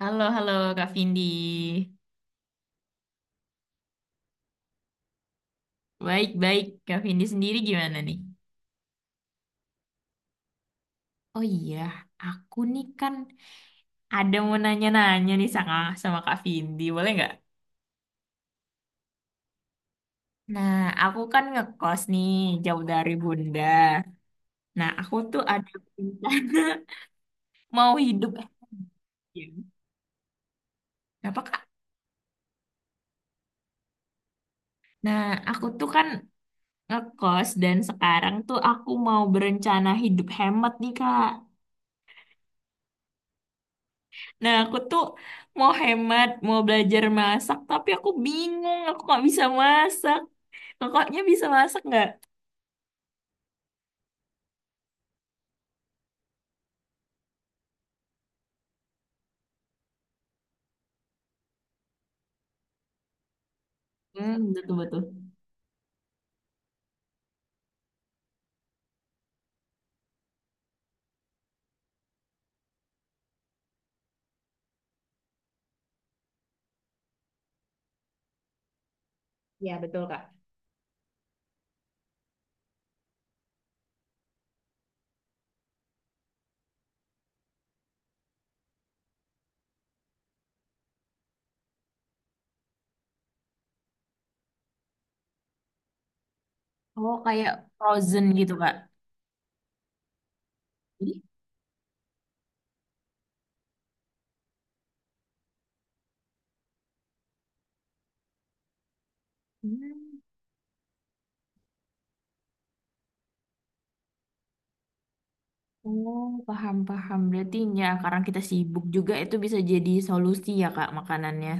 Halo, halo Kak Vindi. Baik-baik, Kak Vindi sendiri gimana nih? Oh iya, aku nih kan ada mau nanya-nanya nih sama Kak Vindi, boleh nggak? Nah, aku kan ngekos nih, jauh dari Bunda. Nah, aku tuh ada rencana mau hidup. Eh, iya. Apa Kak? Nah, aku tuh kan ngekos dan sekarang tuh aku mau berencana hidup hemat nih, Kak. Nah, aku tuh mau hemat, mau belajar masak, tapi aku bingung, aku nggak bisa masak. Kakaknya bisa masak nggak? Hmm, betul-betul. Ya, betul, Kak. Oh, kayak frozen gitu, Kak. Jadi, hmm. Oh, paham-paham. Berarti ya, karena kita sibuk juga, itu bisa jadi solusi ya, Kak, makanannya.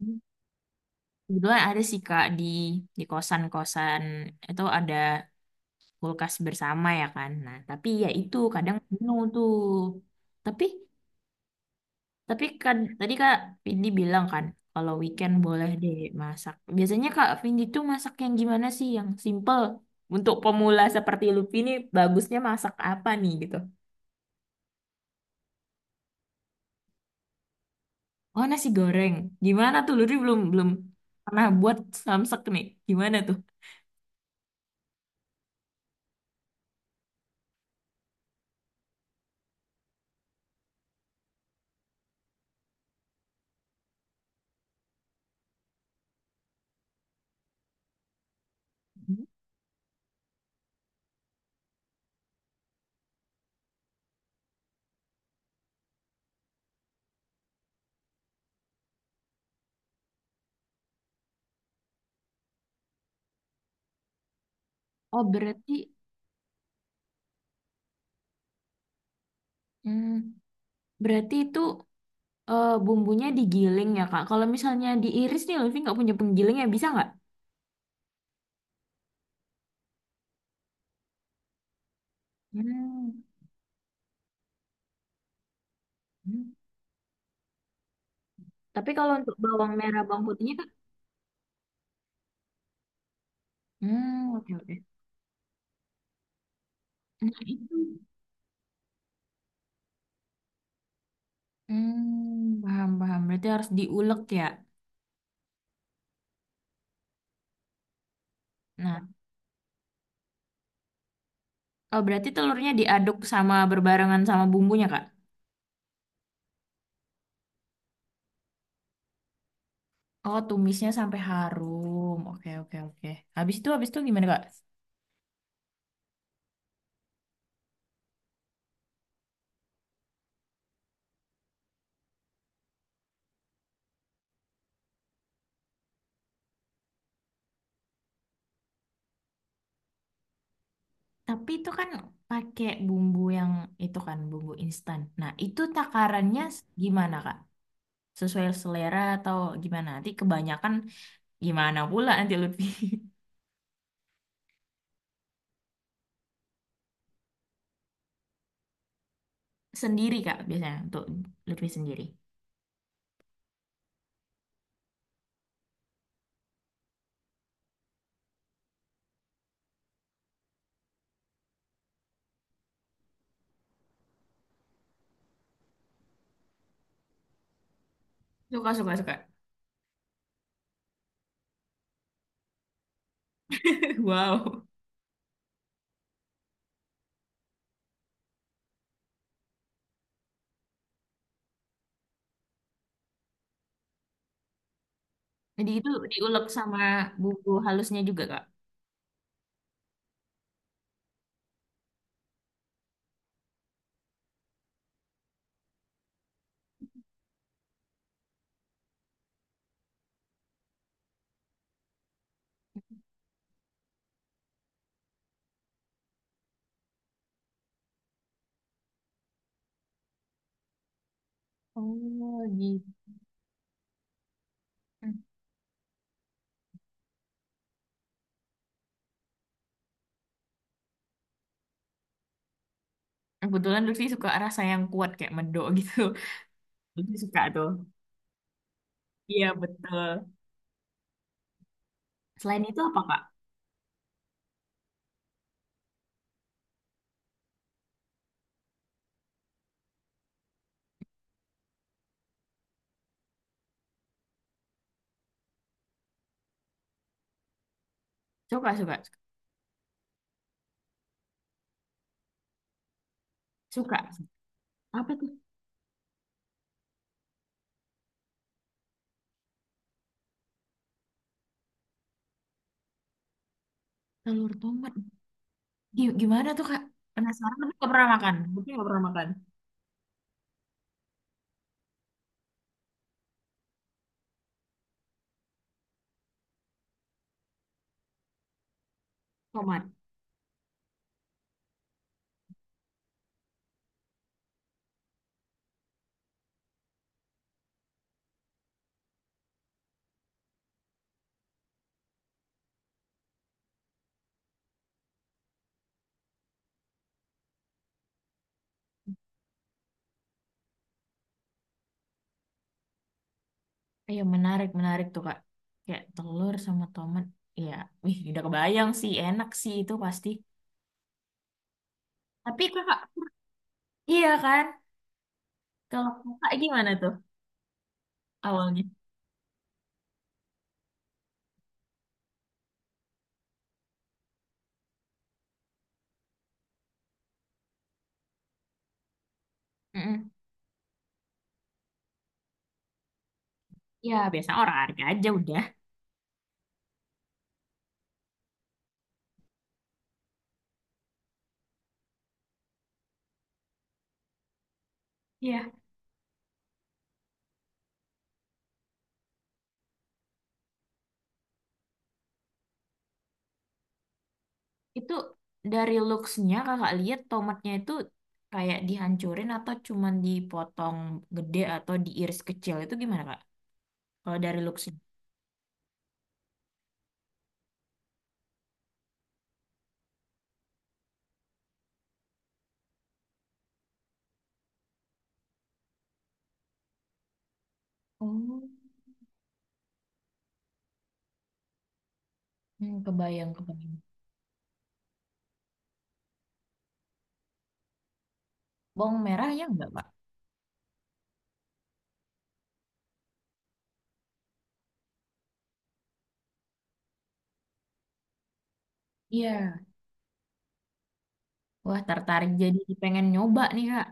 Hmm. Kebetulan ada sih, Kak, di kosan-kosan itu ada kulkas bersama ya kan. Nah, tapi ya itu kadang penuh tuh. Tapi Tapi kan tadi Kak Vindi bilang kan kalau weekend boleh deh masak. Biasanya Kak Vindi tuh masak yang gimana sih yang simple? Untuk pemula seperti Luffy ini bagusnya masak apa nih gitu? Oh nasi goreng. Gimana tuh Luffy belum belum pernah buat samsak nih. Gimana tuh? Oh berarti hmm, berarti itu bumbunya digiling ya Kak. Kalau misalnya diiris nih Luffy nggak punya penggiling ya bisa nggak? Hmm. Hmm. Tapi kalau untuk bawang merah, bawang putihnya Kak? Hmm, oke oke. Nah, itu. Hmm, paham, paham. Berarti harus diulek ya. Nah, oh berarti telurnya diaduk sama berbarengan sama bumbunya, Kak? Oh, tumisnya sampai harum. Oke, oke, oke. Habis itu, gimana, Kak? Tapi itu kan pakai bumbu yang itu kan, bumbu instan. Nah, itu takarannya s- gimana, Kak? Sesuai selera atau gimana? Nanti kebanyakan gimana pula nanti Lutfi. Sendiri, Kak, biasanya untuk Lutfi sendiri. Suka, suka, suka. Wow. Jadi itu diulek sama bumbu halusnya juga, Kak. Oh gitu. Hmm. Kebetulan Lutfi suka rasa yang kuat kayak medok gitu. Lutfi suka tuh. Iya, betul. Selain itu apa, Kak? Suka, suka, suka. Apa tuh? Telur tomat. Gi- Gimana tuh, Kak? Penasaran tapi nggak pernah makan. Lutfi nggak pernah makan. Tomat. Iya, menarik, menarik tuh, Kak. Kayak telur sama tomat. Iya, wih, udah kebayang sih. Enak sih itu pasti. Tapi, Kakak, iya kan? Kalau Kakak gimana tuh awalnya? Mm-mm. Ya, biasa orang harga aja udah. Iya. Itu dari looks-nya kakak lihat tomatnya itu kayak dihancurin atau cuman dipotong gede atau diiris kecil. Itu gimana, Kak? Kalau dari looks-nya. Oh, hmm, kebayang, kebayang. Bawang merah ya enggak, Kak? Iya. Wah, tertarik jadi pengen nyoba nih, Kak.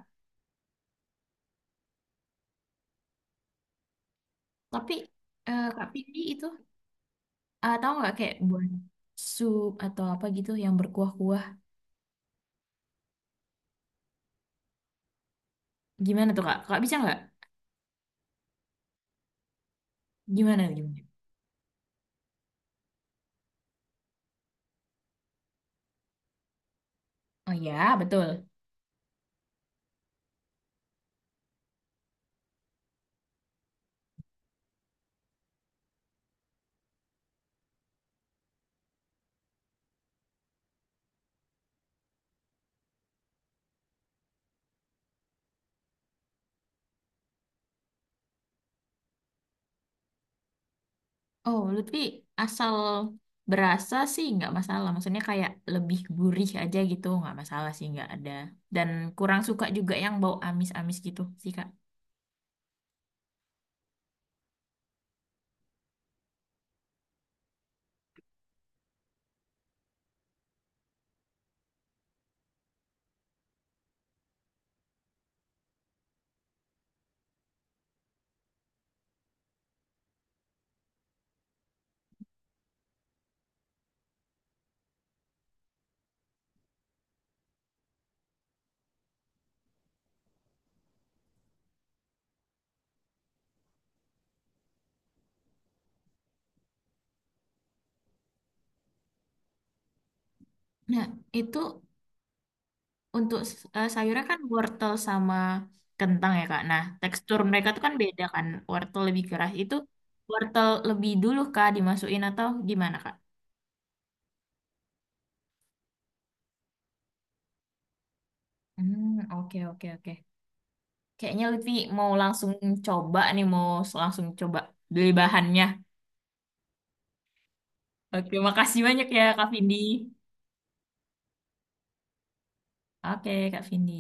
Tapi, Kak Pidi itu, tahu nggak kayak buat sup atau apa gitu yang berkuah-kuah. Gimana tuh, Kak? Kak bisa nggak? Gimana, gimana? Oh ya, betul. Oh, Lutfi asal berasa sih nggak masalah. Maksudnya kayak lebih gurih aja gitu, nggak masalah sih nggak ada. Dan kurang suka juga yang bau amis-amis gitu sih Kak. Nah, itu untuk s- sayurnya kan wortel sama kentang ya Kak. Nah, tekstur mereka tuh kan beda kan. Wortel lebih keras itu wortel lebih dulu Kak dimasukin atau gimana Kak? Hmm, oke oke oke. Kayaknya Lutfi mau langsung coba nih, mau s- langsung coba beli bahannya. Oke, makasih banyak ya Kak Vindi. Oke, Kak Vindi.